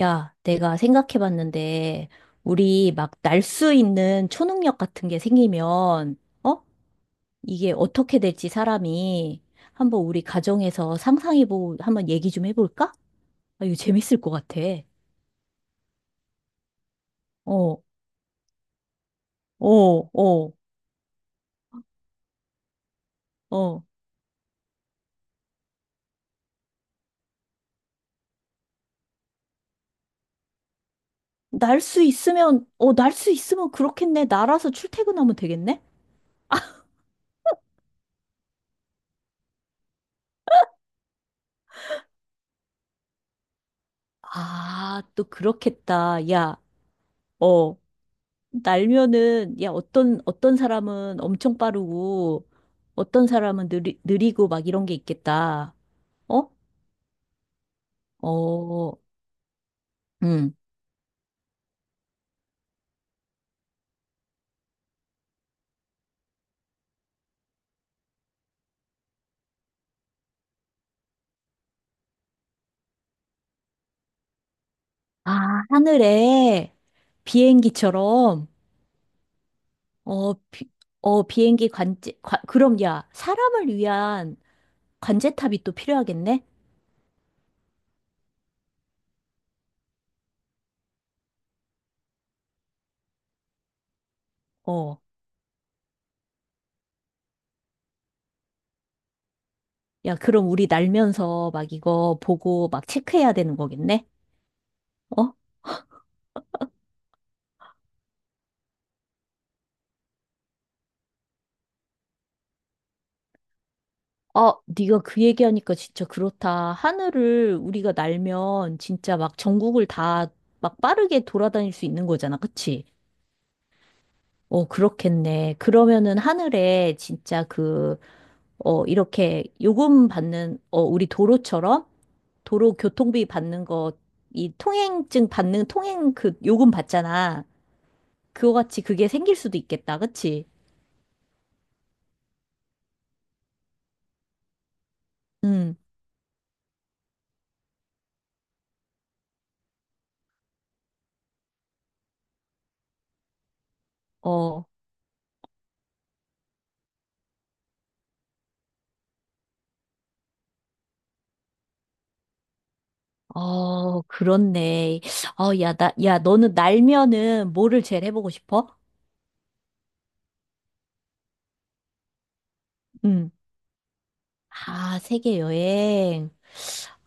야, 내가 생각해봤는데, 우리 막 날 수 있는 초능력 같은 게 생기면, 어? 이게 어떻게 될지 사람이 한번 우리 가정에서 상상해보고 한번 얘기 좀 해볼까? 아, 이거 재밌을 것 같아. 어, 어, 어, 어. 날 수 있으면, 날 수 있으면 그렇겠네. 날아서 출퇴근하면 되겠네? 아, 또 그렇겠다. 야, 어. 날면은 야 어떤 사람은 엄청 빠르고 어떤 사람은 느리고 막 이런 게 있겠다. 어? 어, 음. 아, 하늘에 비행기처럼 어, 비, 어 비행기 관제 관, 그럼 야 사람을 위한 관제탑이 또 필요하겠네. 어. 야, 그럼 우리 날면서 막 이거 보고 막 체크해야 되는 거겠네. 어? 아, 네가 그 얘기하니까 진짜 그렇다. 하늘을 우리가 날면 진짜 막 전국을 다 막 빠르게 돌아다닐 수 있는 거잖아. 그치? 어, 그렇겠네. 그러면은 하늘에 진짜 그, 어, 이렇게 요금 받는, 어, 우리 도로처럼 도로 교통비 받는 거, 이 통행증 받는 통행 그 요금 받잖아. 그거 같이 그게 생길 수도 있겠다. 그치? 응, 어. 어, 그렇네. 어, 야, 나, 야, 너는 날면은 뭐를 제일 해보고 싶어? 응. 아, 세계 여행.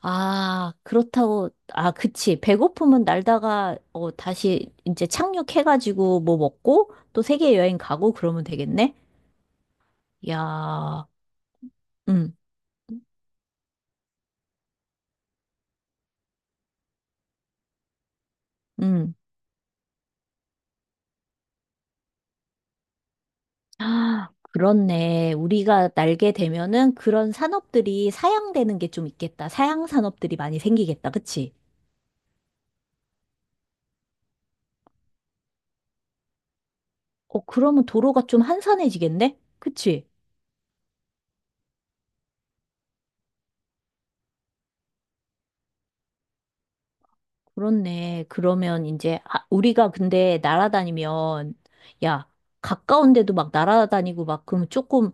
아, 그렇다고, 아, 그치. 배고픔은 날다가, 어, 다시 이제 착륙해가지고 뭐 먹고 또 세계 여행 가고 그러면 되겠네? 야, 응, 응. 아, 그렇네. 우리가 날게 되면은 그런 산업들이 사양되는 게 좀 있겠다. 사양 산업들이 많이 생기겠다. 그치? 어, 그러면 도로가 좀 한산해지겠네? 그치? 그렇네. 그러면 이제, 아, 우리가 근데 날아다니면, 야, 가까운 데도 막 날아다니고 막 그러면 조금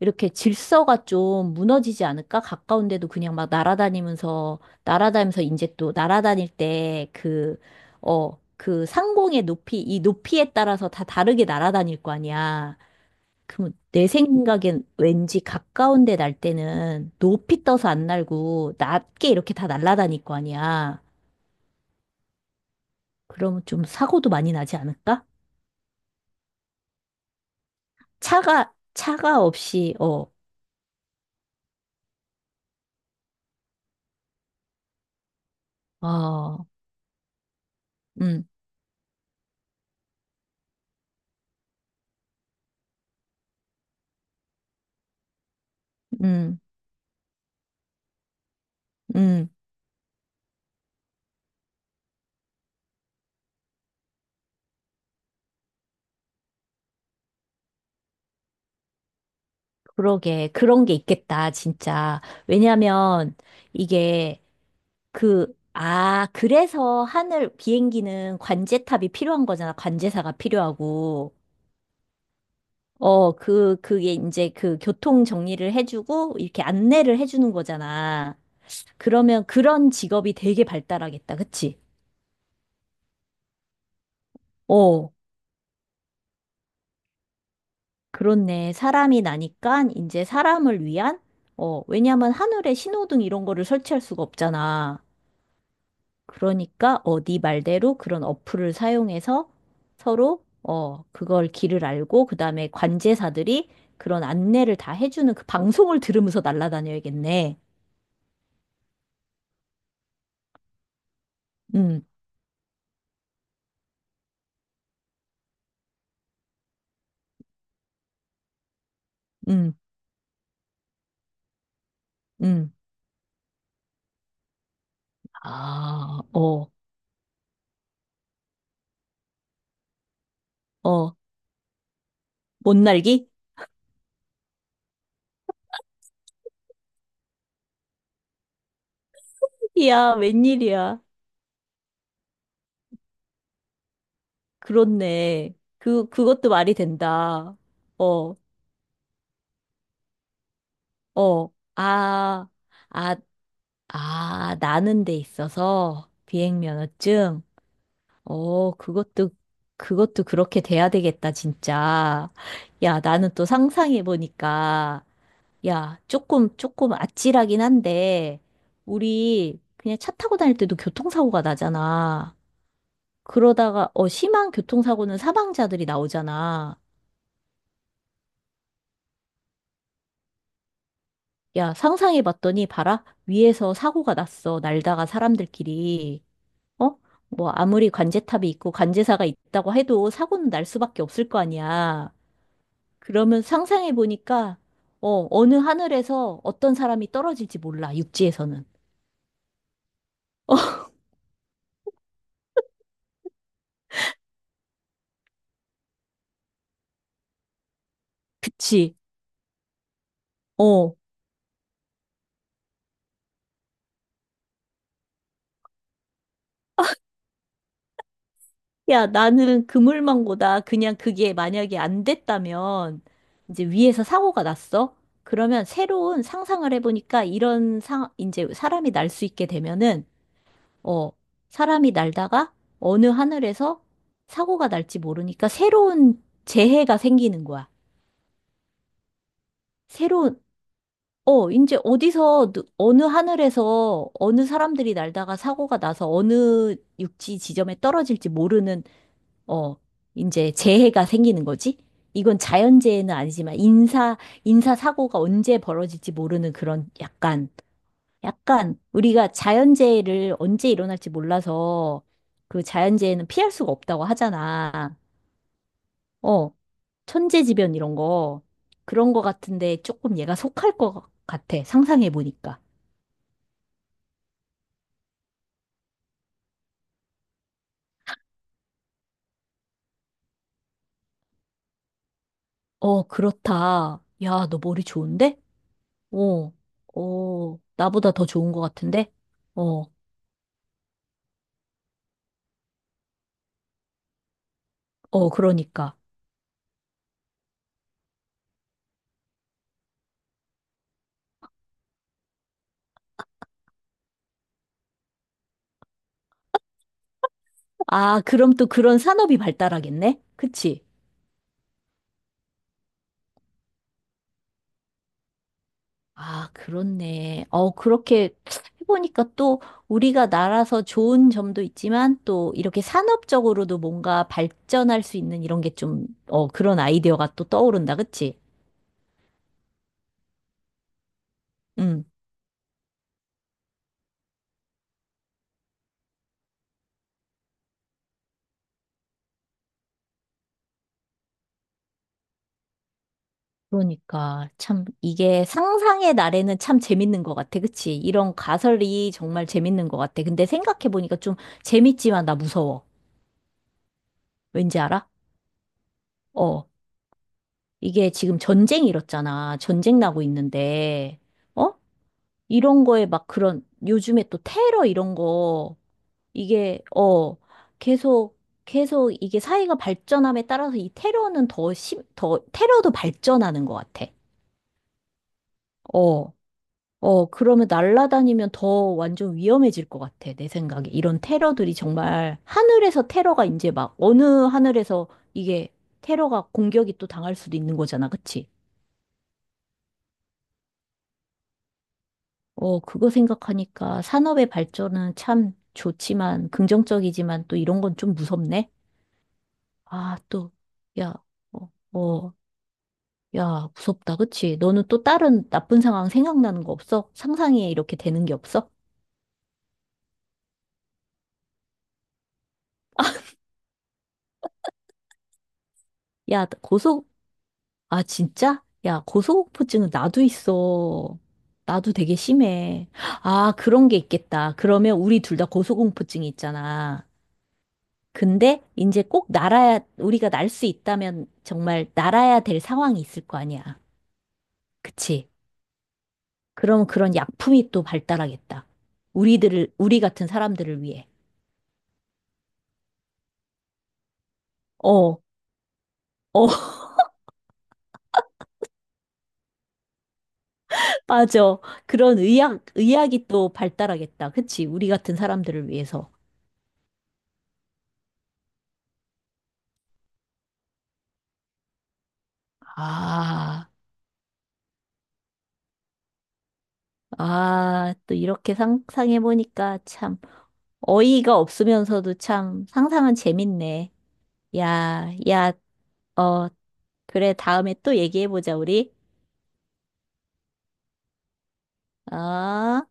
이렇게 질서가 좀 무너지지 않을까? 가까운 데도 그냥 막 날아다니면서, 날아다니면서 이제 또 날아다닐 때 그, 어, 그 상공의 높이, 이 높이에 따라서 다 다르게 날아다닐 거 아니야. 그럼 내 생각엔 왠지 가까운 데 날 때는 높이 떠서 안 날고 낮게 이렇게 다 날아다닐 거 아니야. 그러면 좀 사고도 많이 나지 않을까? 차가 없이, 어, 어, 음, 음, 음, 그러게. 그런 게 있겠다, 진짜. 왜냐면 이게 그, 아, 그래서 하늘 비행기는 관제탑이 필요한 거잖아. 관제사가 필요하고. 어, 그, 그게 이제 그 교통 정리를 해주고 이렇게 안내를 해주는 거잖아. 그러면 그런 직업이 되게 발달하겠다. 그치? 어, 그렇네. 사람이 나니까 이제 사람을 위한? 어, 왜냐면 하늘에 신호등 이런 거를 설치할 수가 없잖아. 그러니까, 어, 네 말대로 그런 어플을 사용해서 서로, 어, 그걸 길을 알고, 그 다음에 관제사들이 그런 안내를 다 해주는 그 방송을 들으면서 날아다녀야겠네. 음, 음, 음. 아, 어, 어, 못 날기? 야, 웬일이야. 그렇네. 그것도 말이 된다. 어, 어, 아, 아, 아, 나는 데 있어서 비행면허증? 어, 그것도, 그것도 그렇게 돼야 되겠다, 진짜. 야, 나는 또 상상해보니까, 야, 조금 아찔하긴 한데, 우리 그냥 차 타고 다닐 때도 교통사고가 나잖아. 그러다가 어 심한 교통사고는 사망자들이 나오잖아. 야, 상상해 봤더니 봐라. 위에서 사고가 났어. 날다가 사람들끼리. 어? 뭐 아무리 관제탑이 있고 관제사가 있다고 해도 사고는 날 수밖에 없을 거 아니야. 그러면 상상해 보니까 어 어느 하늘에서 어떤 사람이 떨어질지 몰라. 육지에서는. 그치? 어. 야, 나는 그물망고다. 그냥 그게 만약에 안 됐다면 이제 위에서 사고가 났어. 그러면 새로운 상상을 해보니까 이런 상, 이제 사람이 날 수 있게 되면은, 어, 사람이 날다가 어느 하늘에서 사고가 날지 모르니까 새로운 재해가 생기는 거야. 새로운, 어, 이제 어디서, 누- 어느 하늘에서 어느 사람들이 날다가 사고가 나서 어느 육지 지점에 떨어질지 모르는 어, 이제 재해가 생기는 거지? 이건 자연재해는 아니지만 인사사고가 언제 벌어질지 모르는 그런 약간, 약간 우리가 자연재해를 언제 일어날지 몰라서 그 자연재해는 피할 수가 없다고 하잖아. 어, 천재지변 이런 거. 그런 거 같은데 조금 얘가 속할 것 같아. 상상해 보니까. 어, 그렇다. 야, 너 머리 좋은데? 어, 어, 나보다 더 좋은 것 같은데? 어, 어, 그러니까. 아, 그럼 또 그런 산업이 발달하겠네? 그치? 아, 그렇네. 어, 그렇게 해보니까 또 우리가 나라서 좋은 점도 있지만 또 이렇게 산업적으로도 뭔가 발전할 수 있는 이런 게 좀, 어, 그런 아이디어가 또 떠오른다. 그치? 음. 그러니까 참 이게 상상의 날에는 참 재밌는 것 같아. 그치? 이런 가설이 정말 재밌는 것 같아. 근데 생각해보니까 좀 재밌지만 나 무서워. 왠지 알아? 어. 이게 지금 전쟁 일었잖아. 전쟁 나고 있는데, 어? 이런 거에 막 그런, 요즘에 또 테러 이런 거, 이게, 어, 계속, 계속 이게 사회가 발전함에 따라서 이 테러는 더, 테러도 발전하는 것 같아. 어, 어, 그러면 날아다니면 더 완전 위험해질 것 같아. 내 생각에. 이런 테러들이 정말, 하늘에서 테러가 이제 막, 어느 하늘에서 이게 테러가 공격이 또 당할 수도 있는 거잖아. 그치? 어, 그거 생각하니까 산업의 발전은 참 좋지만, 긍정적이지만 또 이런 건 좀 무섭네? 아, 또, 야, 어, 어, 야, 무섭다, 그치? 너는 또 다른 나쁜 상황 생각나는 거 없어? 상상에 이렇게 되는 게 없어? 야, 고소, 아, 진짜? 야, 고소공포증은 나도 있어. 나도 되게 심해. 아, 그런 게 있겠다. 그러면 우리 둘 다 고소공포증이 있잖아. 근데 이제 꼭 날아야, 우리가 날 수 있다면 정말 날아야 될 상황이 있을 거 아니야. 그치? 그럼 그런 약품이 또 발달하겠다. 우리 같은 사람들을 위해. 어, 어, 맞아. 그런 의학이 또 발달하겠다. 그치? 우리 같은 사람들을 위해서. 아, 아, 또 이렇게 상상해보니까 참 어이가 없으면서도 참 상상은 재밌네. 야, 야, 어, 그래, 다음에 또 얘기해보자, 우리. 어?